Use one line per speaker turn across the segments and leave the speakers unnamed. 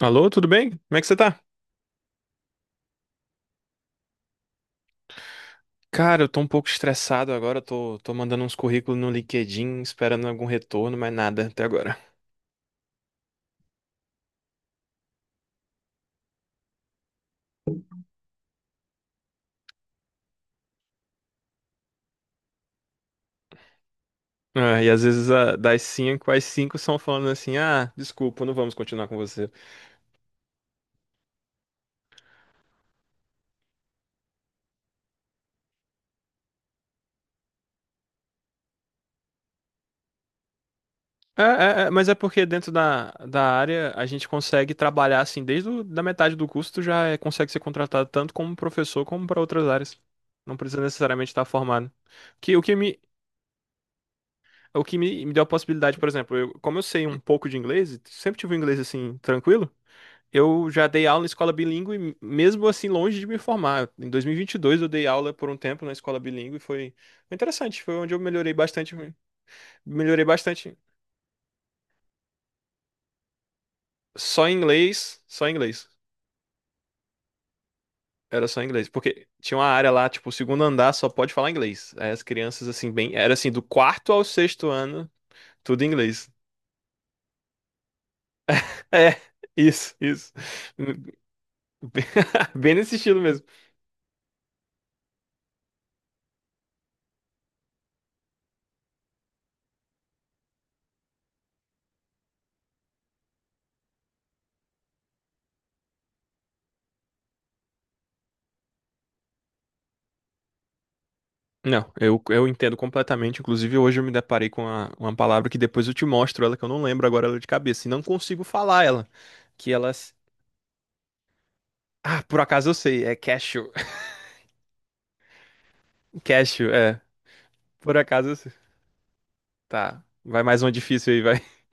Alô, tudo bem? Como é que você tá? Cara, eu tô um pouco estressado agora, tô mandando uns currículos no LinkedIn, esperando algum retorno, mas nada até agora. Ah, e às vezes ah, das cinco, as cinco são falando assim, ah, desculpa, não vamos continuar com você. É, é, é, mas é porque dentro da área a gente consegue trabalhar assim, desde da metade do curso tu já consegue ser contratado tanto como professor como para outras áreas. Não precisa necessariamente estar formado. Que, o que me, É O que me deu a possibilidade, por exemplo, como eu sei um pouco de inglês, sempre tive um inglês assim, tranquilo. Eu já dei aula em escola bilíngue, mesmo assim, longe de me formar. Em 2022 eu dei aula por um tempo na escola bilíngue e foi interessante, foi onde eu melhorei bastante, melhorei bastante. Só em inglês, só em inglês. Era só em inglês, porque tinha uma área lá, tipo, o segundo andar só pode falar inglês. Aí as crianças, assim, bem, era assim, do quarto ao sexto ano, tudo em inglês. É, isso, isso. Bem nesse estilo mesmo. Não, eu entendo completamente. Inclusive, hoje eu me deparei com uma palavra que depois eu te mostro ela, que eu não lembro agora, ela é de cabeça. E não consigo falar ela. Que elas. Ah, por acaso eu sei. É cashew. Cashew, é. Por acaso eu sei. Tá. Vai mais uma difícil aí, vai.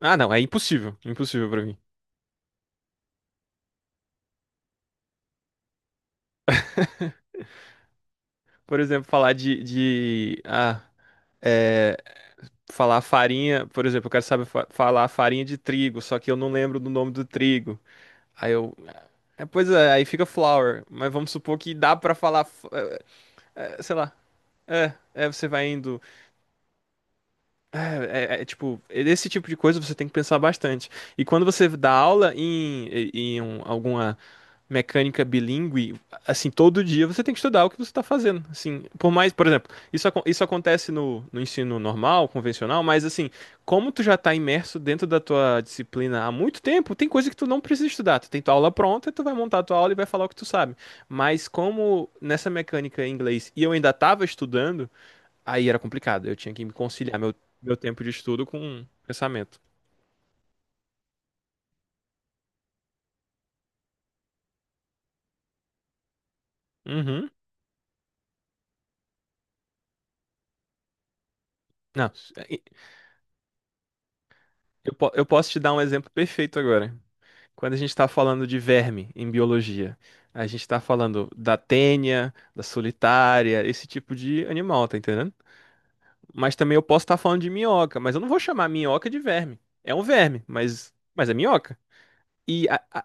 Ah, não. É impossível. Impossível pra mim. Por exemplo, falar de... Ah, é. Falar farinha. Por exemplo, eu quero saber falar farinha de trigo, só que eu não lembro do nome do trigo. Aí eu. É, pois é, aí fica flower. Mas vamos supor que dá pra falar. É, é, sei lá. É, é, você vai indo. É, é, é, tipo, esse tipo de coisa você tem que pensar bastante. E quando você dá aula em alguma mecânica bilíngue, assim, todo dia você tem que estudar o que você está fazendo. Assim, por mais, por exemplo, isso acontece no ensino normal, convencional, mas assim, como tu já está imerso dentro da tua disciplina há muito tempo, tem coisa que tu não precisa estudar. Tu tem tua aula pronta, tu vai montar a tua aula e vai falar o que tu sabe. Mas como nessa mecânica em inglês, e eu ainda estava estudando, aí era complicado. Eu tinha que me conciliar meu tempo de estudo com pensamento. Uhum. Não, eu posso te dar um exemplo perfeito agora. Quando a gente está falando de verme em biologia, a gente está falando da tênia, da solitária, esse tipo de animal, tá entendendo? Mas também eu posso estar falando de minhoca, mas eu não vou chamar minhoca de verme. É um verme, mas é minhoca. E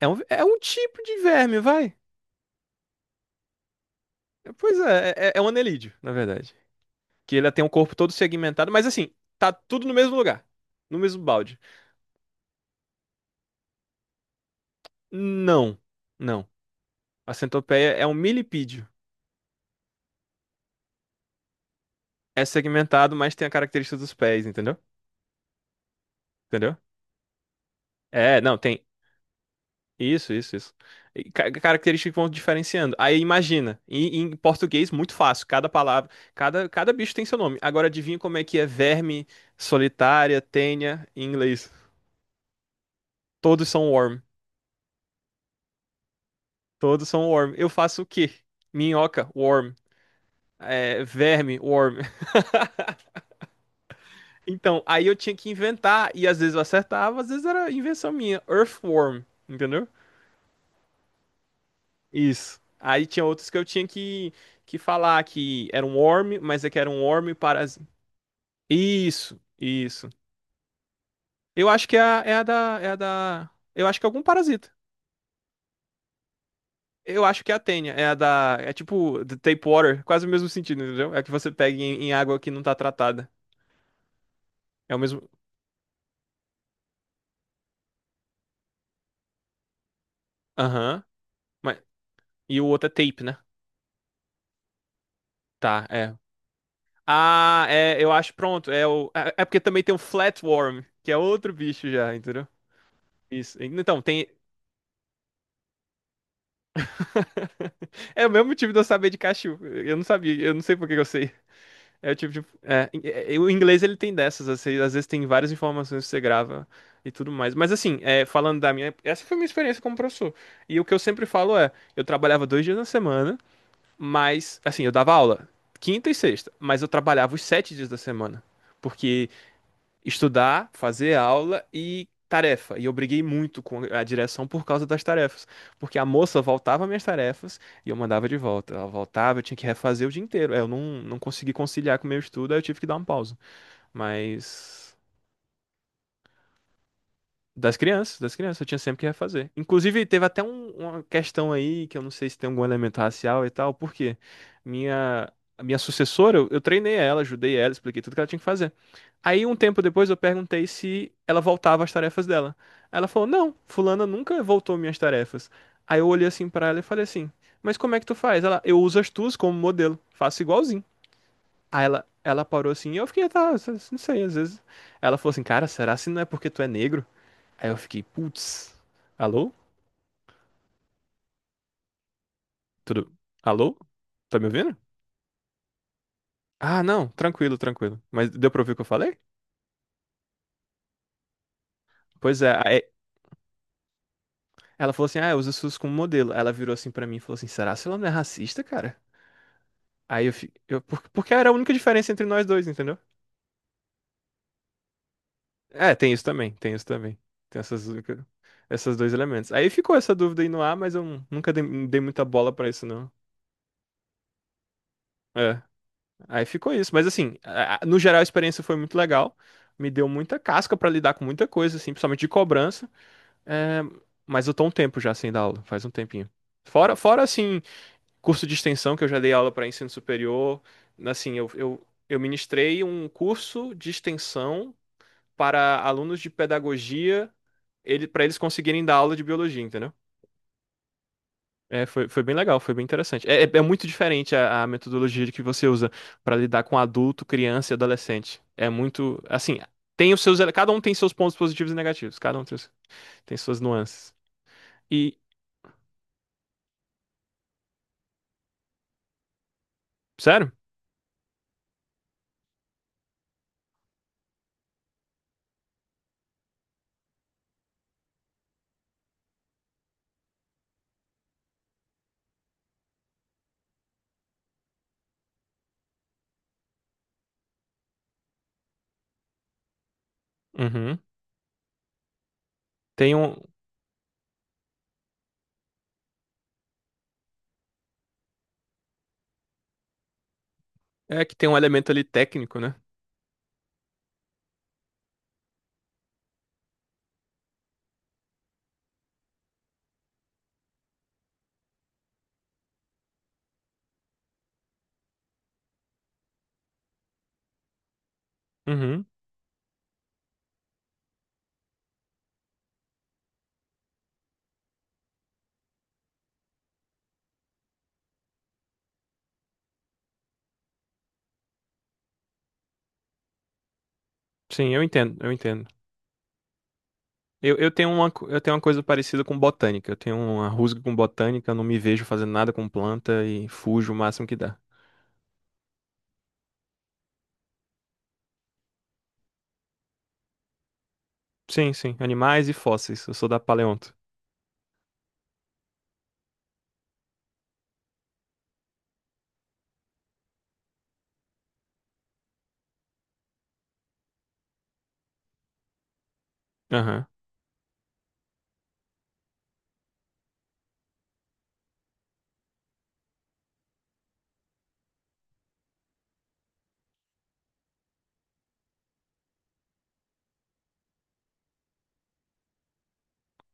é um tipo de verme, vai. Pois é, é um anelídeo, na verdade. Que ele tem um corpo todo segmentado, mas assim, tá tudo no mesmo lugar, no mesmo balde. Não, não. A centopeia é um milipídio. É segmentado, mas tem a característica dos pés, entendeu? Entendeu? É, não, tem. Isso, isso, isso. E características que vão diferenciando. Aí imagina, em português, muito fácil. Cada palavra, cada, cada bicho tem seu nome. Agora adivinha como é que é verme, solitária, tênia, em inglês. Todos são worm. Todos são worm. Eu faço o quê? Minhoca, worm. É, verme, worm. Então, aí eu tinha que inventar, e às vezes eu acertava, às vezes era invenção minha. Earthworm, entendeu? Isso. Aí tinha outros que eu tinha que falar que era um worm, mas é que era um worm parasita. Isso, isso. Eu acho que é a, é a da. É a da. Eu acho que é algum parasita. Eu acho que é a tênia. É a da. É tipo the tape water, quase o mesmo sentido, entendeu? É que você pega em água que não tá tratada. É o mesmo. Aham. Mas. E o outro é tape, né? Tá, é. Ah, é, eu acho pronto. É, o, é é porque também tem o Flatworm, que é outro bicho já, entendeu? Isso. Então, tem. É o mesmo motivo de eu saber de cachorro. Eu não sabia, eu não sei por que que eu sei. É o tipo de. É, é, é, o inglês ele tem dessas, assim, às vezes tem várias informações que você grava e tudo mais. Mas assim, é, falando da minha. Essa foi a minha experiência como professor. E o que eu sempre falo é: eu trabalhava 2 dias na semana, mas. Assim, eu dava aula quinta e sexta, mas eu trabalhava os 7 dias da semana. Porque estudar, fazer aula e tarefa. E eu briguei muito com a direção por causa das tarefas, porque a moça voltava minhas tarefas e eu mandava de volta. Ela voltava, eu tinha que refazer o dia inteiro. Aí eu não consegui conciliar com o meu estudo, aí eu tive que dar uma pausa. Mas das crianças, eu tinha sempre que refazer. Inclusive, teve até uma questão aí, que eu não sei se tem algum elemento racial e tal, porque minha, a minha sucessora, eu treinei ela, ajudei ela, expliquei tudo que ela tinha que fazer. Aí, um tempo depois, eu perguntei se ela voltava às tarefas dela. Ela falou, não, fulana nunca voltou minhas tarefas. Aí eu olhei assim pra ela e falei assim, mas como é que tu faz? Ela, eu uso as tuas como modelo, faço igualzinho. Aí ela parou assim, e eu fiquei, tá, não sei, às vezes. Ela falou assim, cara, será se não é porque tu é negro? Aí eu fiquei, putz, alô? Tudo? Alô? Tá me ouvindo? Ah, não, tranquilo, tranquilo. Mas deu pra ouvir o que eu falei? Pois é, aí ela falou assim, ah, usa SUS como modelo. Ela virou assim pra mim e falou assim, será que ela não é racista, cara? Aí eu fiquei, eu, porque era a única diferença entre nós dois, entendeu? É, tem isso também, tem isso também. Tem essas, esses dois elementos. Aí ficou essa dúvida aí no ar, mas eu nunca dei muita bola pra isso, não. É. Aí ficou isso. Mas assim, no geral a experiência foi muito legal. Me deu muita casca pra lidar com muita coisa, assim, principalmente de cobrança. É. Mas eu tô um tempo já sem dar aula, faz um tempinho. Fora, fora assim, curso de extensão que eu já dei aula para ensino superior. Assim, eu ministrei um curso de extensão para alunos de pedagogia, para eles conseguirem dar aula de biologia, entendeu? É, foi, foi bem legal, foi bem interessante. É, é muito diferente a metodologia de que você usa para lidar com adulto, criança e adolescente. É muito, assim, tem os seus, cada um tem seus pontos positivos e negativos, cada um tem, tem suas nuances. E, sério? Uhum. Tem um, é que tem um elemento ali técnico, né? Uhum. Sim, eu entendo, eu entendo. Eu, eu tenho uma coisa parecida com botânica. Eu tenho uma rusga com botânica, eu não me vejo fazendo nada com planta e fujo o máximo que dá. Sim, sim, animais e fósseis. Eu sou da paleonto. Aham.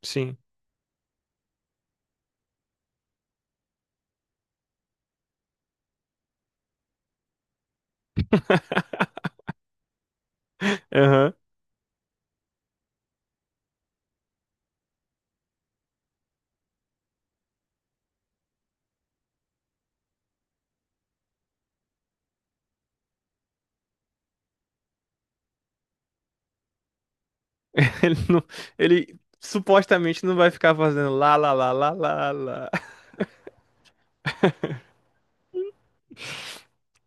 Sim. Aham. Ele não, ele supostamente não vai ficar fazendo lá, lá, lá, lá, lá, lá.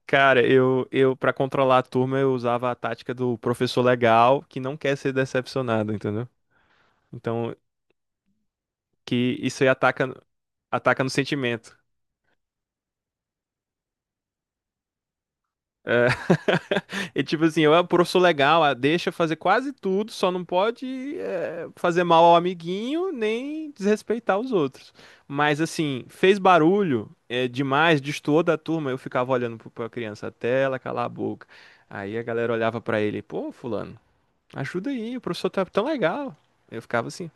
Cara, eu para controlar a turma, eu usava a tática do professor legal que não quer ser decepcionado, entendeu? Então, que isso aí ataca, ataca no sentimento. É, e tipo assim, eu, é pô, professor legal, ah, deixa fazer quase tudo, só não pode eh, fazer mal ao amiguinho nem desrespeitar os outros. Mas assim, fez barulho eh, demais, destoou da turma, eu ficava olhando pra criança até ela calar a boca. Aí a galera olhava pra ele, pô, fulano, ajuda aí, o professor tá tão legal. Eu ficava assim.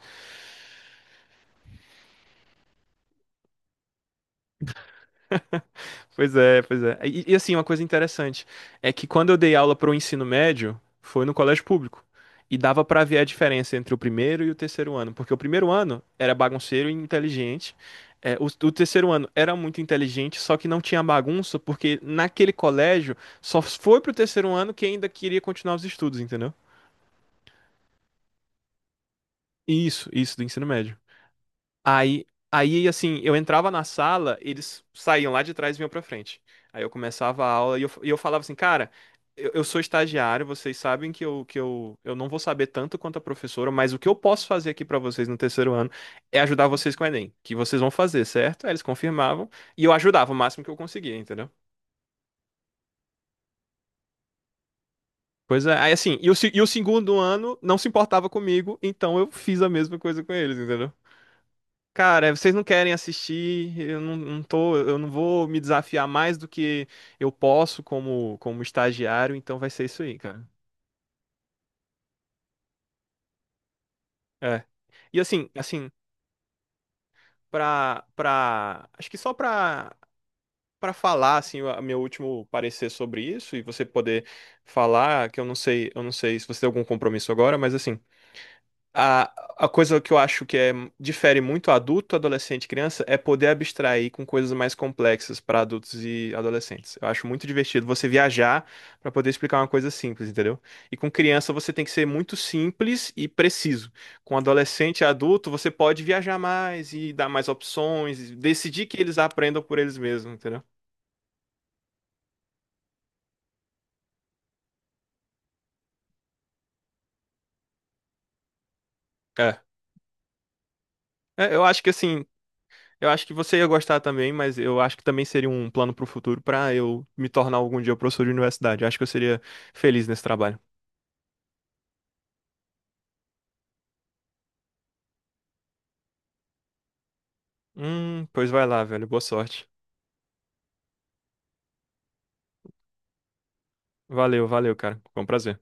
Pois é, pois é. E, assim, uma coisa interessante é que quando eu dei aula para o ensino médio, foi no colégio público. E dava para ver a diferença entre o primeiro e o terceiro ano, porque o primeiro ano era bagunceiro e inteligente. É, o terceiro ano era muito inteligente, só que não tinha bagunça, porque naquele colégio só foi pro terceiro ano quem ainda queria continuar os estudos, entendeu? Isso do ensino médio. Aí, aí, assim, eu entrava na sala, eles saíam lá de trás e vinham pra frente. Aí eu começava a aula e eu falava assim, cara, eu sou estagiário, vocês sabem que eu não vou saber tanto quanto a professora, mas o que eu posso fazer aqui pra vocês no terceiro ano é ajudar vocês com o Enem, que vocês vão fazer, certo? Aí eles confirmavam e eu ajudava o máximo que eu conseguia, entendeu? Pois é, aí assim, e o, e o segundo ano não se importava comigo, então eu fiz a mesma coisa com eles, entendeu? Cara, é, vocês não querem assistir, eu não, não tô, eu não vou me desafiar mais do que eu posso como estagiário, então vai ser isso aí, cara. É. E assim, assim, pra, acho que só pra falar, assim, o meu último parecer sobre isso e você poder falar, que eu não sei se você tem algum compromisso agora, mas assim, A, a coisa que eu acho que difere muito adulto, adolescente e criança é poder abstrair com coisas mais complexas para adultos e adolescentes. Eu acho muito divertido você viajar para poder explicar uma coisa simples, entendeu? E com criança você tem que ser muito simples e preciso. Com adolescente e adulto você pode viajar mais e dar mais opções, e decidir que eles aprendam por eles mesmos, entendeu? É. É, eu acho que assim, eu acho que você ia gostar também, mas eu acho que também seria um plano pro futuro pra eu me tornar algum dia professor de universidade. Acho que eu seria feliz nesse trabalho. Pois vai lá, velho. Boa sorte. Valeu, valeu, cara. Foi um prazer.